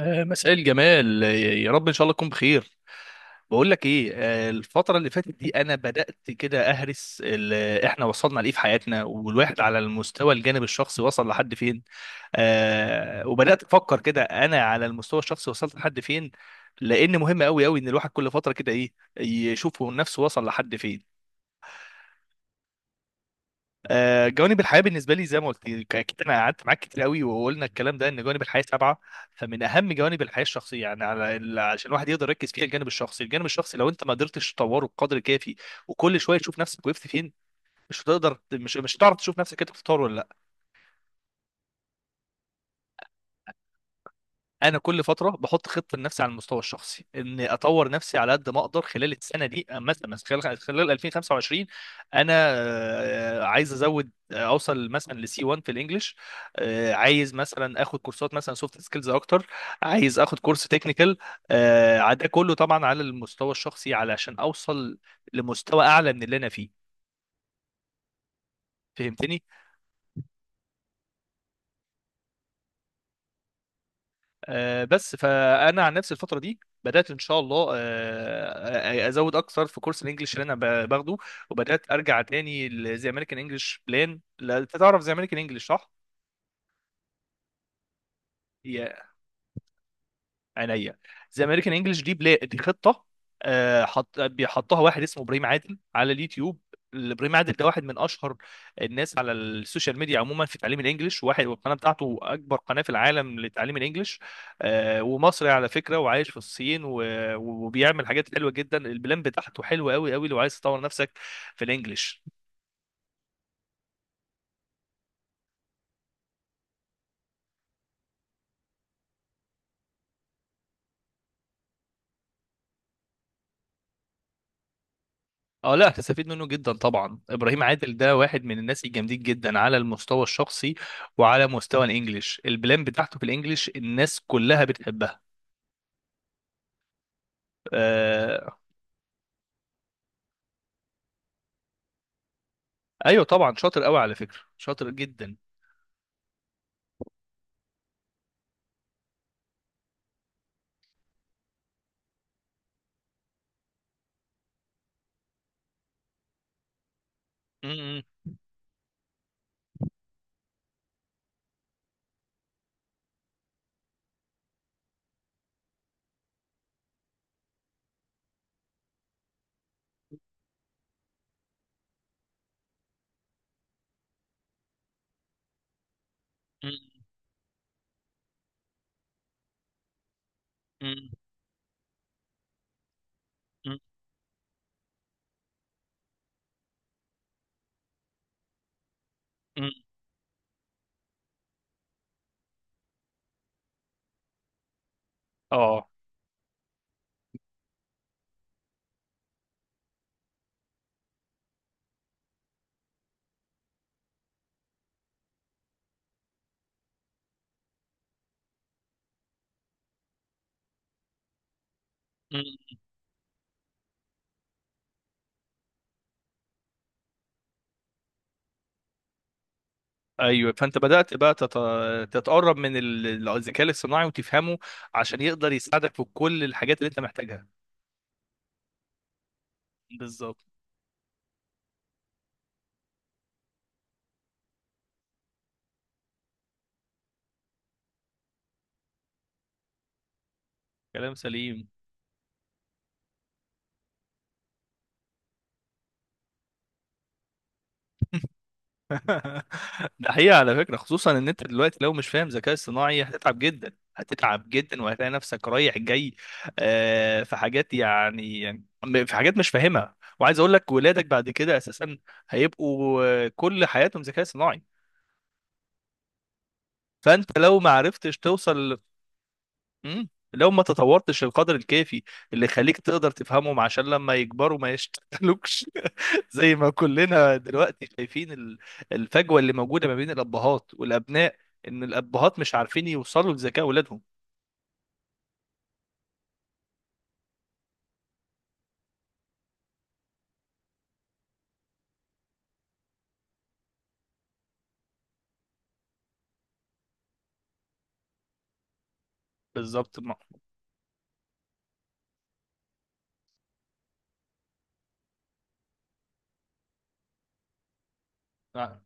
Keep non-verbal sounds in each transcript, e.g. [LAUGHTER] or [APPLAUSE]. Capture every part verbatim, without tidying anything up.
آه، مساء الجمال آه، يا رب ان شاء الله تكون بخير. بقول لك ايه؟ آه، الفتره اللي فاتت دي انا بدات كده اهرس ال- احنا وصلنا لايه في حياتنا، والواحد على المستوى الجانب الشخصي وصل لحد فين. آه، وبدات افكر كده، انا على المستوى الشخصي وصلت لحد فين، لان مهم قوي قوي ان الواحد كل فتره كده ايه يشوف هو نفسه وصل لحد فين. آه، جوانب الحياه بالنسبه لي، زي ما قلت لك، اكيد انا قعدت معاك كتير قوي وقلنا الكلام ده، ان جوانب الحياه سبعه. فمن اهم جوانب الحياه الشخصيه، يعني على ال- عشان الواحد يقدر يركز فيها، الجانب الشخصي، الجانب الشخصي لو انت ما قدرتش تطوره بقدر كافي وكل شويه تشوف نفسك وقفت فين، مش هتقدر، مش مش هتعرف تشوف نفسك انت بتتطور ولا. انا كل فتره بحط خطه لنفسي على المستوى الشخصي اني اطور نفسي على قد ما اقدر خلال السنه دي، مثلا، مثلا خلال خلال الفين وخمسة وعشرين. انا آه، عايز ازود، آه، اوصل مثلا لسي واحد في الانجليش. آه، عايز مثلا اخد كورسات مثلا سوفت سكيلز اكتر. عايز اخد كورس تكنيكال. ده كله طبعا على المستوى الشخصي علشان اوصل لمستوى اعلى من اللي انا فيه. فهمتني؟ آه، بس فانا عن نفسي الفتره دي بدات ان شاء الله، آه، آه، ازود اكثر في كورس الانجليش اللي انا ب- باخده، وبدات ارجع تاني. زي امريكان انجلش بلان، لا انت تعرف زي امريكان انجلش، صح؟ عينيا. ذا امريكان انجلش دي بلا... دي خطه. آه، حط، بيحطها واحد اسمه ابراهيم عادل على اليوتيوب. ابراهيم عادل ده واحد من اشهر الناس على السوشيال ميديا عموما في تعليم الانجليش، واحد، والقناه بتاعته اكبر قناه في العالم لتعليم الانجليش. آه، ومصري على فكره، وعايش في الصين و... وبيعمل حاجات حلوه جدا. البلان بتاعته حلوه قوي قوي لو عايز تطور نفسك في الانجليش. اه لا هتستفيد منه جدا طبعا. ابراهيم عادل ده واحد من الناس الجامدين جدا على المستوى الشخصي وعلى مستوى الانجليش. البلان بتاعته في الانجليش الناس كلها بتحبها. آه. ايوه طبعا، شاطر قوي على فكرة، شاطر جدا. م- م- م- م- م- م. اه. م. ايوه، فانت بدأت بقى تت... تتقرب من ال- الذكاء الاصطناعي وتفهمه عشان يقدر يساعدك في كل الحاجات اللي انت محتاجها. بالظبط. كلام سليم. [LAUGHS] ده حقيقة على فكرة، خصوصا ان انت دلوقتي لو مش فاهم ذكاء اصطناعي هتتعب جدا، هتتعب جدا، وهتلاقي نفسك رايح جاي. آه، في حاجات يعني يعني في حاجات مش فاهمها، وعايز اقول لك ولادك بعد كده اساسا هيبقوا آه، كل حياتهم ذكاء صناعي. فانت لو ما عرفتش توصل، مم. لو ما تطورتش القدر الكافي اللي يخليك تقدر تفهمهم، عشان لما يكبروا ما يشتغلوكش. [LAUGHS] زي ما كلنا دلوقتي شايفين ال- الفجوة اللي موجودة ما بين الأبهات والأبناء، إن الأبهات مش عارفين يوصلوا لذكاء أولادهم. بالظبط. ما- آه.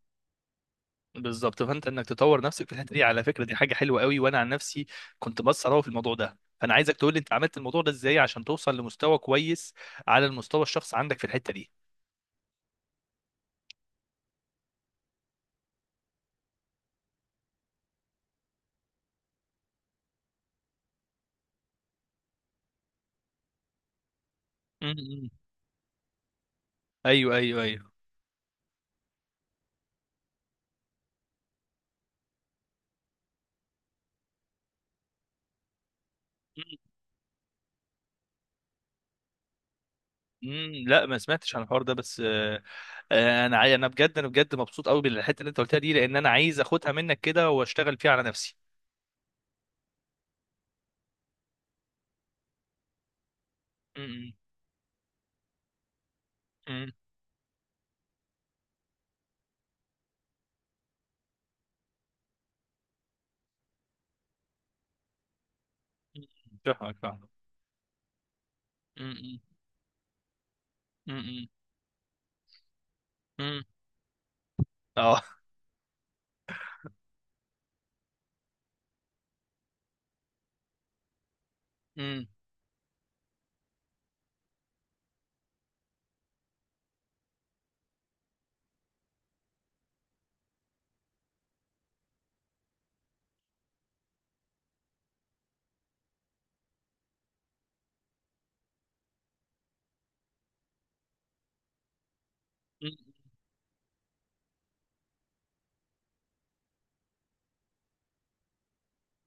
بالظبط، فأنت إنك تطور نفسك في الحتة دي على فكرة، دي حاجة حلوة قوي. وأنا عن نفسي كنت بس أراوغ في الموضوع ده، فأنا عايزك تقول لي أنت عملت الموضوع ده إزاي عشان توصل لمستوى كويس على المستوى الشخص عندك في الحتة دي. مم. أيوه، أيوه، أيوه. امم، لا ما سمعتش عن الحوار ده، بس آه، آه، انا عاي- انا بجد، انا بجد مبسوط قوي بالحته اللي انت قلتها دي، لان انا عايز اخدها منك كده واشتغل فيها على نفسي. امم. امم. فاهمك، فاهمك. امم امم امم. اه. امم.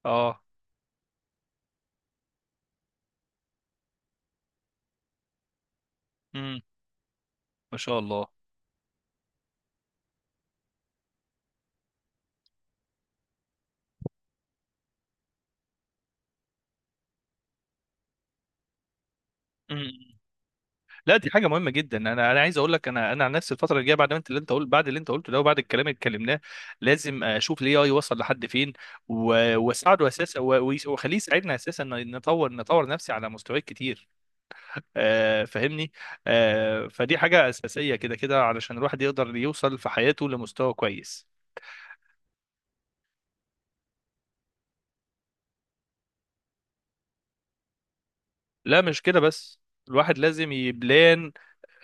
اه. امم. ما شاء الله. امم. لا دي حاجه مهمه جدا. انا انا عايز اقول لك، انا انا عن نفسي الفتره الجايه بعد ما انت، اللي انت قلت، بعد اللي انت قلته ده وبعد الكلام اللي اتكلمناه، لازم اشوف الاي اي وصل لحد فين، و- واساعده اساسا، و- و- واخليه يساعدنا اساسا، إن نطور، نطور نفسي على مستويات كتير. آه فاهمني. آه فدي حاجه اساسيه كده كده، علشان الواحد يقدر يوصل في حياته لمستوى كويس. لا مش كده بس، الواحد لازم يبلان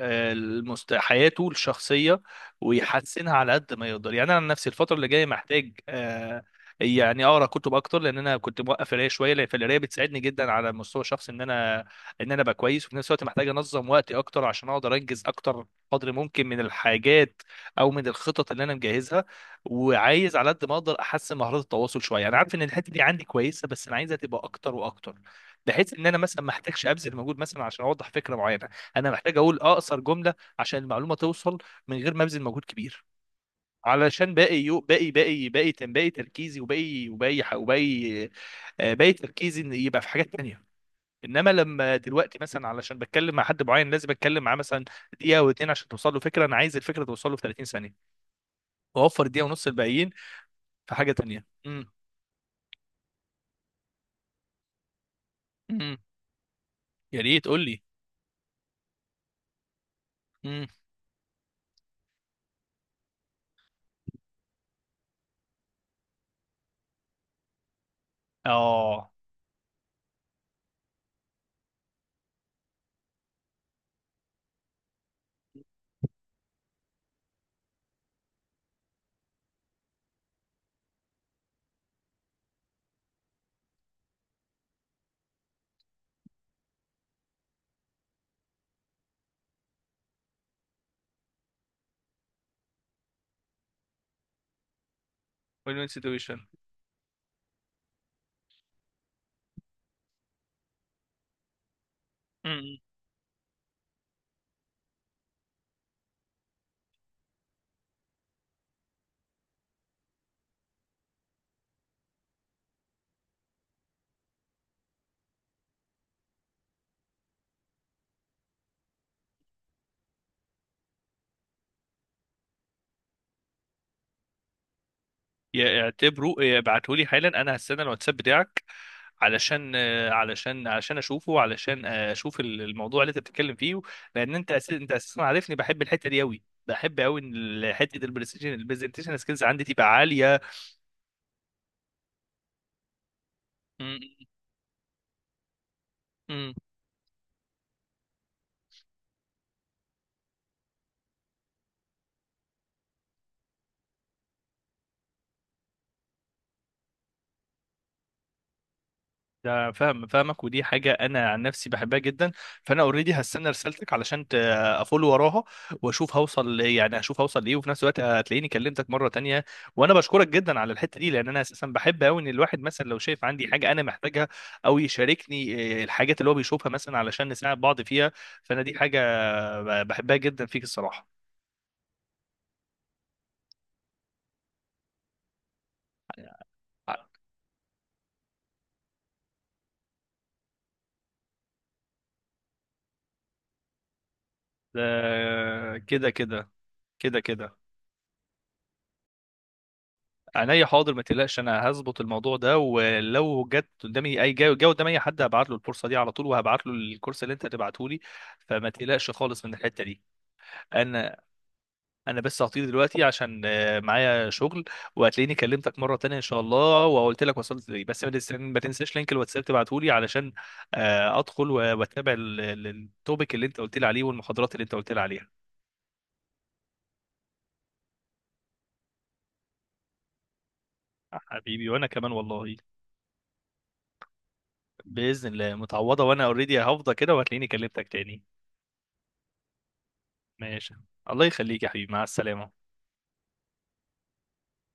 المست... حياته الشخصية ويحسنها على قد ما يقدر. يعني أنا عن نفسي الفترة اللي جاية محتاج آه، يعني أقرأ كتب أكتر، لأن أنا كنت موقف قراية شوية، لأن فالقراية بتساعدني جدا على المستوى الشخصي إن أنا، إن أنا أبقى كويس. وفي نفس الوقت محتاج أنظم وقتي أكتر عشان أقدر أنجز أكتر قدر ممكن من الحاجات أو من الخطط اللي أنا مجهزها. وعايز على قد ما أقدر أحسن مهارات التواصل شوية. أنا عارف إن الحتة دي عندي كويسة، بس أنا عايزها تبقى أكتر وأكتر، بحيث إن أنا مثلا ما أحتاجش أبذل مجهود مثلا عشان أوضح فكرة معينة. انا محتاج اقول اقصر جمله عشان المعلومه توصل من غير ما ابذل مجهود كبير، علشان باقي يو باقي باقي باقي تن- باقي تركيزي وباقي وباقي ح- وباقي، آه، باقي تركيزي إن يبقى في حاجات تانية. انما لما دلوقتي مثلا علشان بتكلم مع حد معين لازم اتكلم معاه مثلا دقيقه او اتنين عشان توصل له فكره، انا عايز الفكره توصل له في ثلاثين ثانيه واوفر دقيقه ونص الباقيين في حاجه تانية. امم. امم. يا ريت قول لي. امم. اه. وين وين سيتويشن. ي- اعتبره ابعته لي حالا، انا هستنى الواتساب بتاعك علشان آه، علشان علشان اشوفه، علشان آه، اشوف ال- الموضوع اللي انت بتتكلم فيه، لان انت أس... انت اساسا عارفني بحب الحته دي قوي، بحب قوي ان ال- حته البرزنتيشن، البرزنتيشن سكيلز عندي تبقى عاليه. م- م- ده فاهم، فاهمك. ودي حاجة أنا عن نفسي بحبها جدا. فأنا أوريدي هستنى رسالتك علشان ت- أفول وراها وأشوف هوصل يعني، أشوف هوصل لإيه. وفي نفس الوقت هتلاقيني كلمتك مرة تانية. وأنا بشكرك جدا على الحتة دي، لأن أنا أساسا بحب أوي إن الواحد مثلا لو شايف عندي حاجة أنا محتاجها أو يشاركني آه، الحاجات اللي هو بيشوفها مثلا علشان نساعد بعض فيها. فأنا دي حاجة بحبها جدا فيك الصراحة. آه، كده كده، كده كده. عينيا، حاضر، ما تقلقش، انا هظبط الموضوع ده، ولو جت قدامي اي جاي جاي قدامي اي حد هبعت له الفرصه دي على طول، وهبعت له الكورس اللي انت هتبعته لي، فما تقلقش خالص من الحته دي. انا انا بس هطير دلوقتي عشان آه، معايا شغل، وهتلاقيني كلمتك مره تانية ان شاء الله وقلت لك وصلت ليه. بس ما تنس- ما تنساش لينك الواتساب تبعته لي، علشان آه، ادخل و- واتابع ال- ال- التوبيك اللي انت قلت لي عليه والمحاضرات اللي انت قلت لي عليها. حبيبي وانا كمان والله. باذن الله متعوضه. وانا اوريدي هفضى كده وهتلاقيني كلمتك تاني. ماشي، الله يخليك يا حبيبي، مع السلامة.